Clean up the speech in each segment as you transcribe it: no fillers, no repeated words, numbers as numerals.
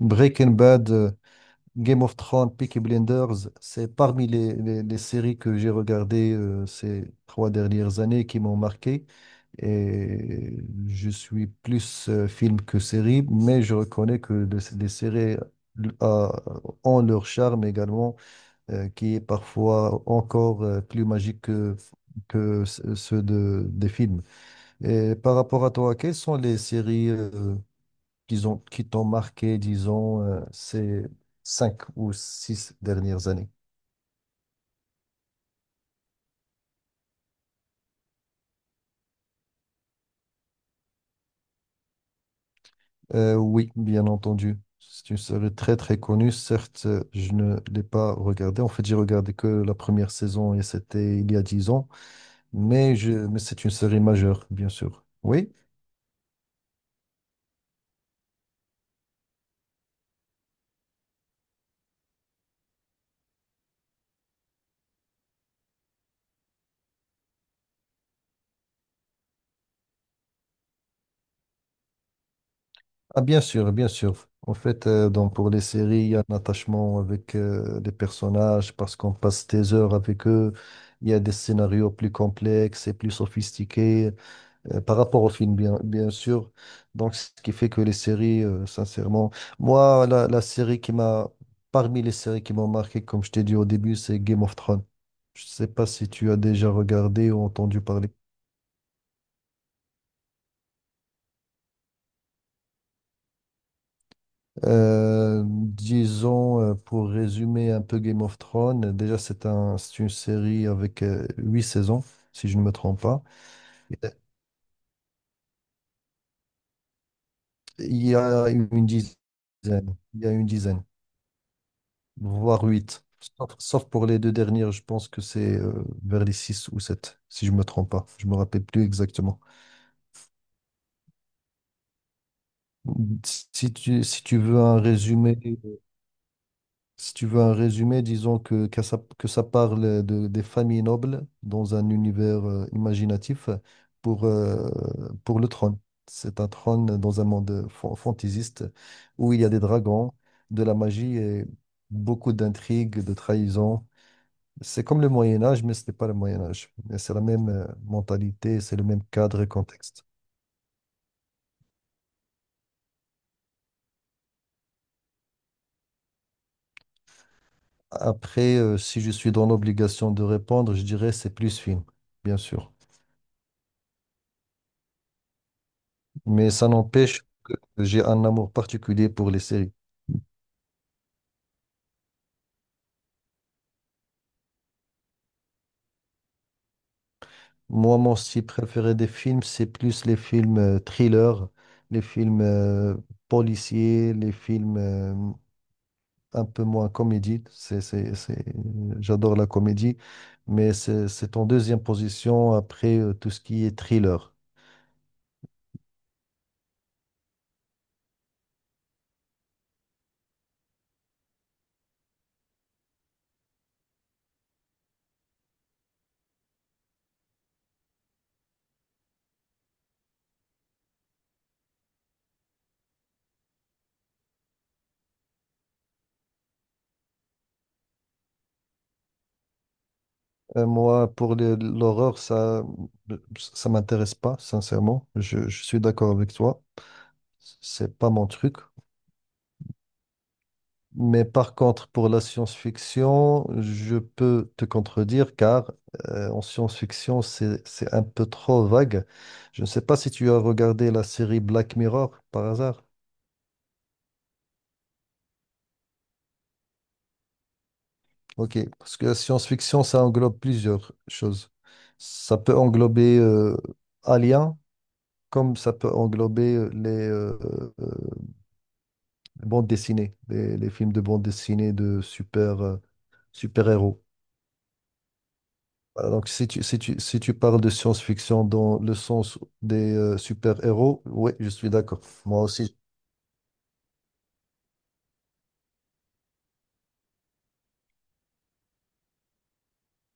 Breaking Bad, Game of Thrones, Peaky Blinders, c'est parmi les séries que j'ai regardées ces trois dernières années qui m'ont marqué. Et je suis plus film que série, mais je reconnais que les séries euh, ont leur charme également, qui est parfois encore plus magique que ceux de, des films. Et par rapport à toi, quelles sont les séries qui t'ont marqué, disons, ces cinq ou six dernières années? Oui, bien entendu. C'est une série très très connue. Certes, je ne l'ai pas regardée. En fait, j'ai regardé que la première saison et c'était il y a dix ans. Mais c'est une série majeure, bien sûr. Oui? Ah, bien sûr, bien sûr. En fait, donc pour les séries, il y a un attachement avec les personnages parce qu'on passe des heures avec eux. Il y a des scénarios plus complexes et plus sophistiqués, par rapport au film, bien, bien sûr. Donc, ce qui fait que les séries, sincèrement, moi, la série qui m'a, parmi les séries qui m'ont marqué, comme je t'ai dit au début, c'est Game of Thrones. Je sais pas si tu as déjà regardé ou entendu parler. Disons, pour résumer un peu Game of Thrones, déjà, c'est une série avec huit saisons, si je ne me trompe pas. Euh, Il y a une dizaine. Il y a une dizaine. Voire 8, sauf pour les deux dernières, je pense que c'est vers les 6 ou 7, si je me trompe pas. Je me rappelle plus exactement. Si tu, si tu veux un résumé, Si tu veux un résumé, disons que ça parle des familles nobles dans un univers imaginatif pour, euh, pour le trône. C'est un trône dans un monde fantaisiste où il y a des dragons, de la magie et beaucoup d'intrigues, de trahisons. C'est comme le Moyen Âge, mais ce n'est pas le Moyen Âge. Mais c'est la même mentalité, c'est le même cadre et contexte. Après, si je suis dans l'obligation de répondre, je dirais c'est plus film, bien sûr. Mais ça n'empêche, que j'ai un amour particulier pour les séries. Moi, mon style préféré des films, c'est plus les films thrillers, les films policiers, les films un peu moins comédie. J'adore la comédie, mais c'est en deuxième position après tout ce qui est thriller. Moi, pour l'horreur, ça m'intéresse pas, sincèrement. Je suis d'accord avec toi. C'est pas mon truc. Mais par contre, pour la science-fiction, je peux te contredire car en science-fiction, c'est un peu trop vague. Je ne sais pas si tu as regardé la série Black Mirror par hasard. Ok, parce que la science-fiction, ça englobe plusieurs choses. Ça peut englober Alien, comme ça peut englober les euh, bandes dessinées, les films de bandes dessinées de super, super-héros. Voilà, donc, si tu parles de science-fiction dans le sens des super-héros, oui, je suis d'accord. Moi aussi.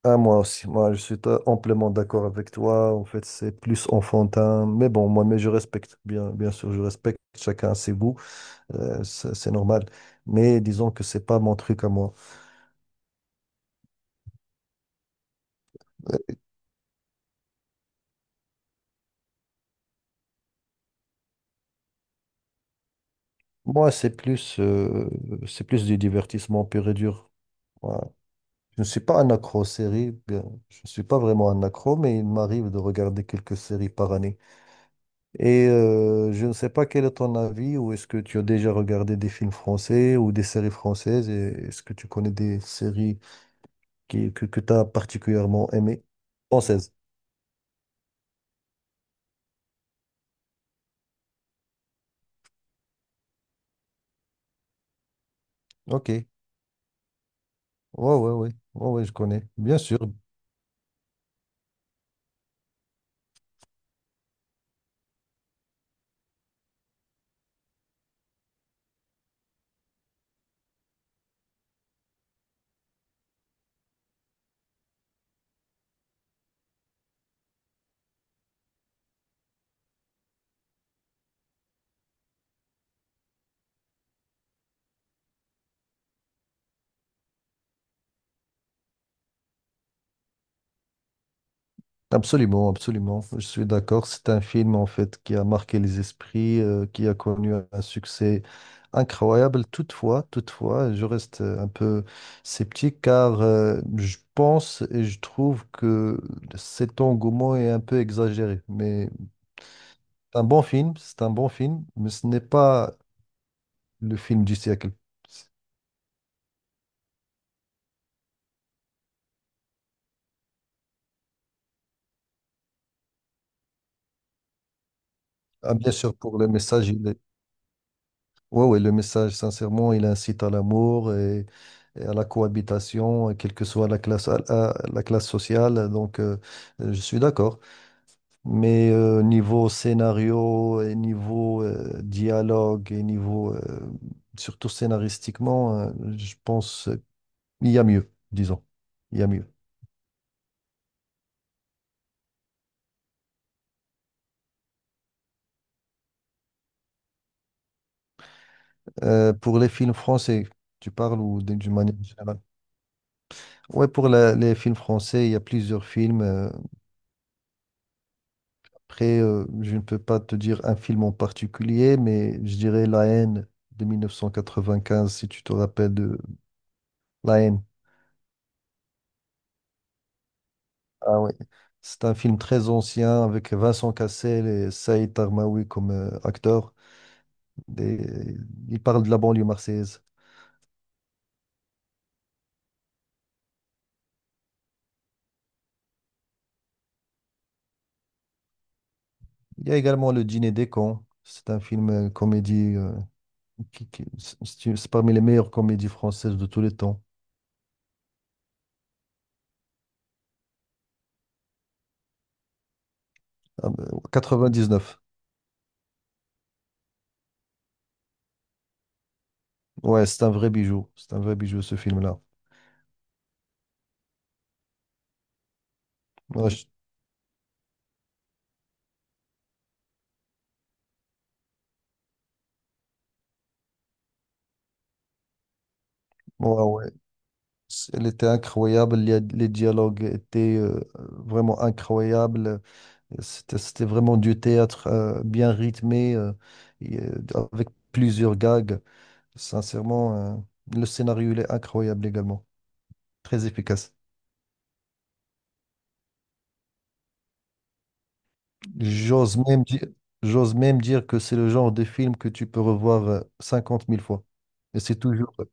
Ah, moi aussi. Moi, je suis amplement d'accord avec toi. En fait, c'est plus enfantin. Mais bon, moi, mais je respecte. Bien, bien sûr, je respecte. Chacun ses goûts. C'est normal. Mais disons que c'est pas mon truc à moi. Euh, Moi, c'est plus du divertissement pur et dur. Voilà. Je ne suis pas un accro aux séries, je ne suis pas vraiment un accro, mais il m'arrive de regarder quelques séries par année. Et je ne sais pas quel est ton avis, ou est-ce que tu as déjà regardé des films français ou des séries françaises, et est-ce que tu connais des séries que tu as particulièrement aimées? Françaises. Ok. Ouais, ouais, ouais. Ouais, ouais, je connais. Bien sûr. Absolument, absolument. Je suis d'accord. C'est un film en fait qui a marqué les esprits, qui a connu un succès incroyable. Toutefois, toutefois, je reste un peu sceptique car je pense et je trouve que cet engouement est un peu exagéré. Mais c'est un bon film, c'est un bon film, mais ce n'est pas le film du siècle. Ah, bien sûr, pour le message, il est... ouais, ouais, le message, sincèrement, il incite à l'amour et à la cohabitation, quelle que soit la classe, à la classe sociale. Donc, je suis d'accord. Mais niveau scénario, et niveau dialogue, et niveau, surtout scénaristiquement, je pense qu'il y a mieux, disons. Il y a mieux. Pour les films français, tu parles ou d'une manière générale? Ouais, pour les films français, il y a plusieurs films. Après, je ne peux pas te dire un film en particulier, mais je dirais La haine de 1995, si tu te rappelles de La haine. Ah ouais. C'est un film très ancien avec Vincent Cassel et Saïd Tarmaoui comme acteurs. Des- Il parle de la banlieue marseillaise. Il y a également Le Dîner des cons. C'est un film comédie c'est parmi les meilleures comédies françaises de tous les temps. Ah, 99. Ouais, c'est un vrai bijou. C'est un vrai bijou ce film-là. Ouais, je- ouais, ouais. Elle était incroyable, les dialogues étaient vraiment incroyables. C'était vraiment du théâtre bien rythmé, et, euh, avec plusieurs gags. Sincèrement, le scénario il est incroyable également, très efficace. J'ose même dire, j'ose même dire que c'est le genre de film que tu peux revoir 50 000 fois. Et c'est toujours,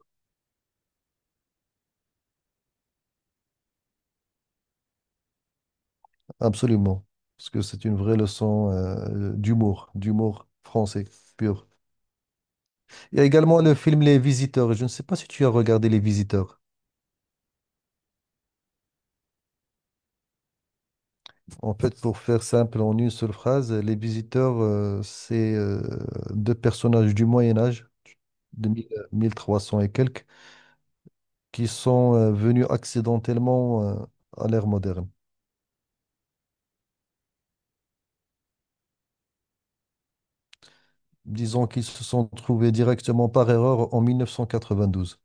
absolument, parce que c'est une vraie leçon d'humour, d'humour français pur. Il y a également le film Les Visiteurs. Je ne sais pas si tu as regardé Les Visiteurs. En fait, pour faire simple, en une seule phrase, Les Visiteurs, c'est deux personnages du Moyen Âge, de 1300 et quelques, qui sont venus accidentellement à l'ère moderne. Disons qu'ils se sont trouvés directement par erreur en 1992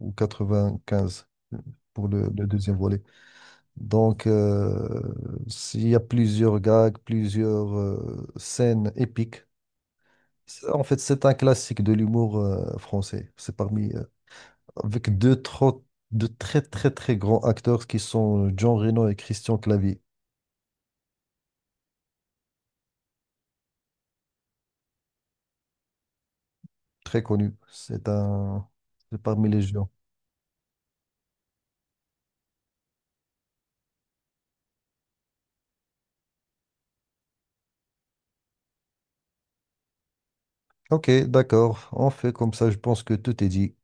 ou 95 pour le deuxième volet. Donc, s'il y a plusieurs gags, plusieurs scènes épiques. En fait, c'est un classique de l'humour français. C'est parmi, avec deux, trop- deux très, très, très grands acteurs qui sont Jean Reno et Christian Clavier, très connus. C'est parmi les gens. Ok, d'accord, on fait comme ça, je pense que tout est dit.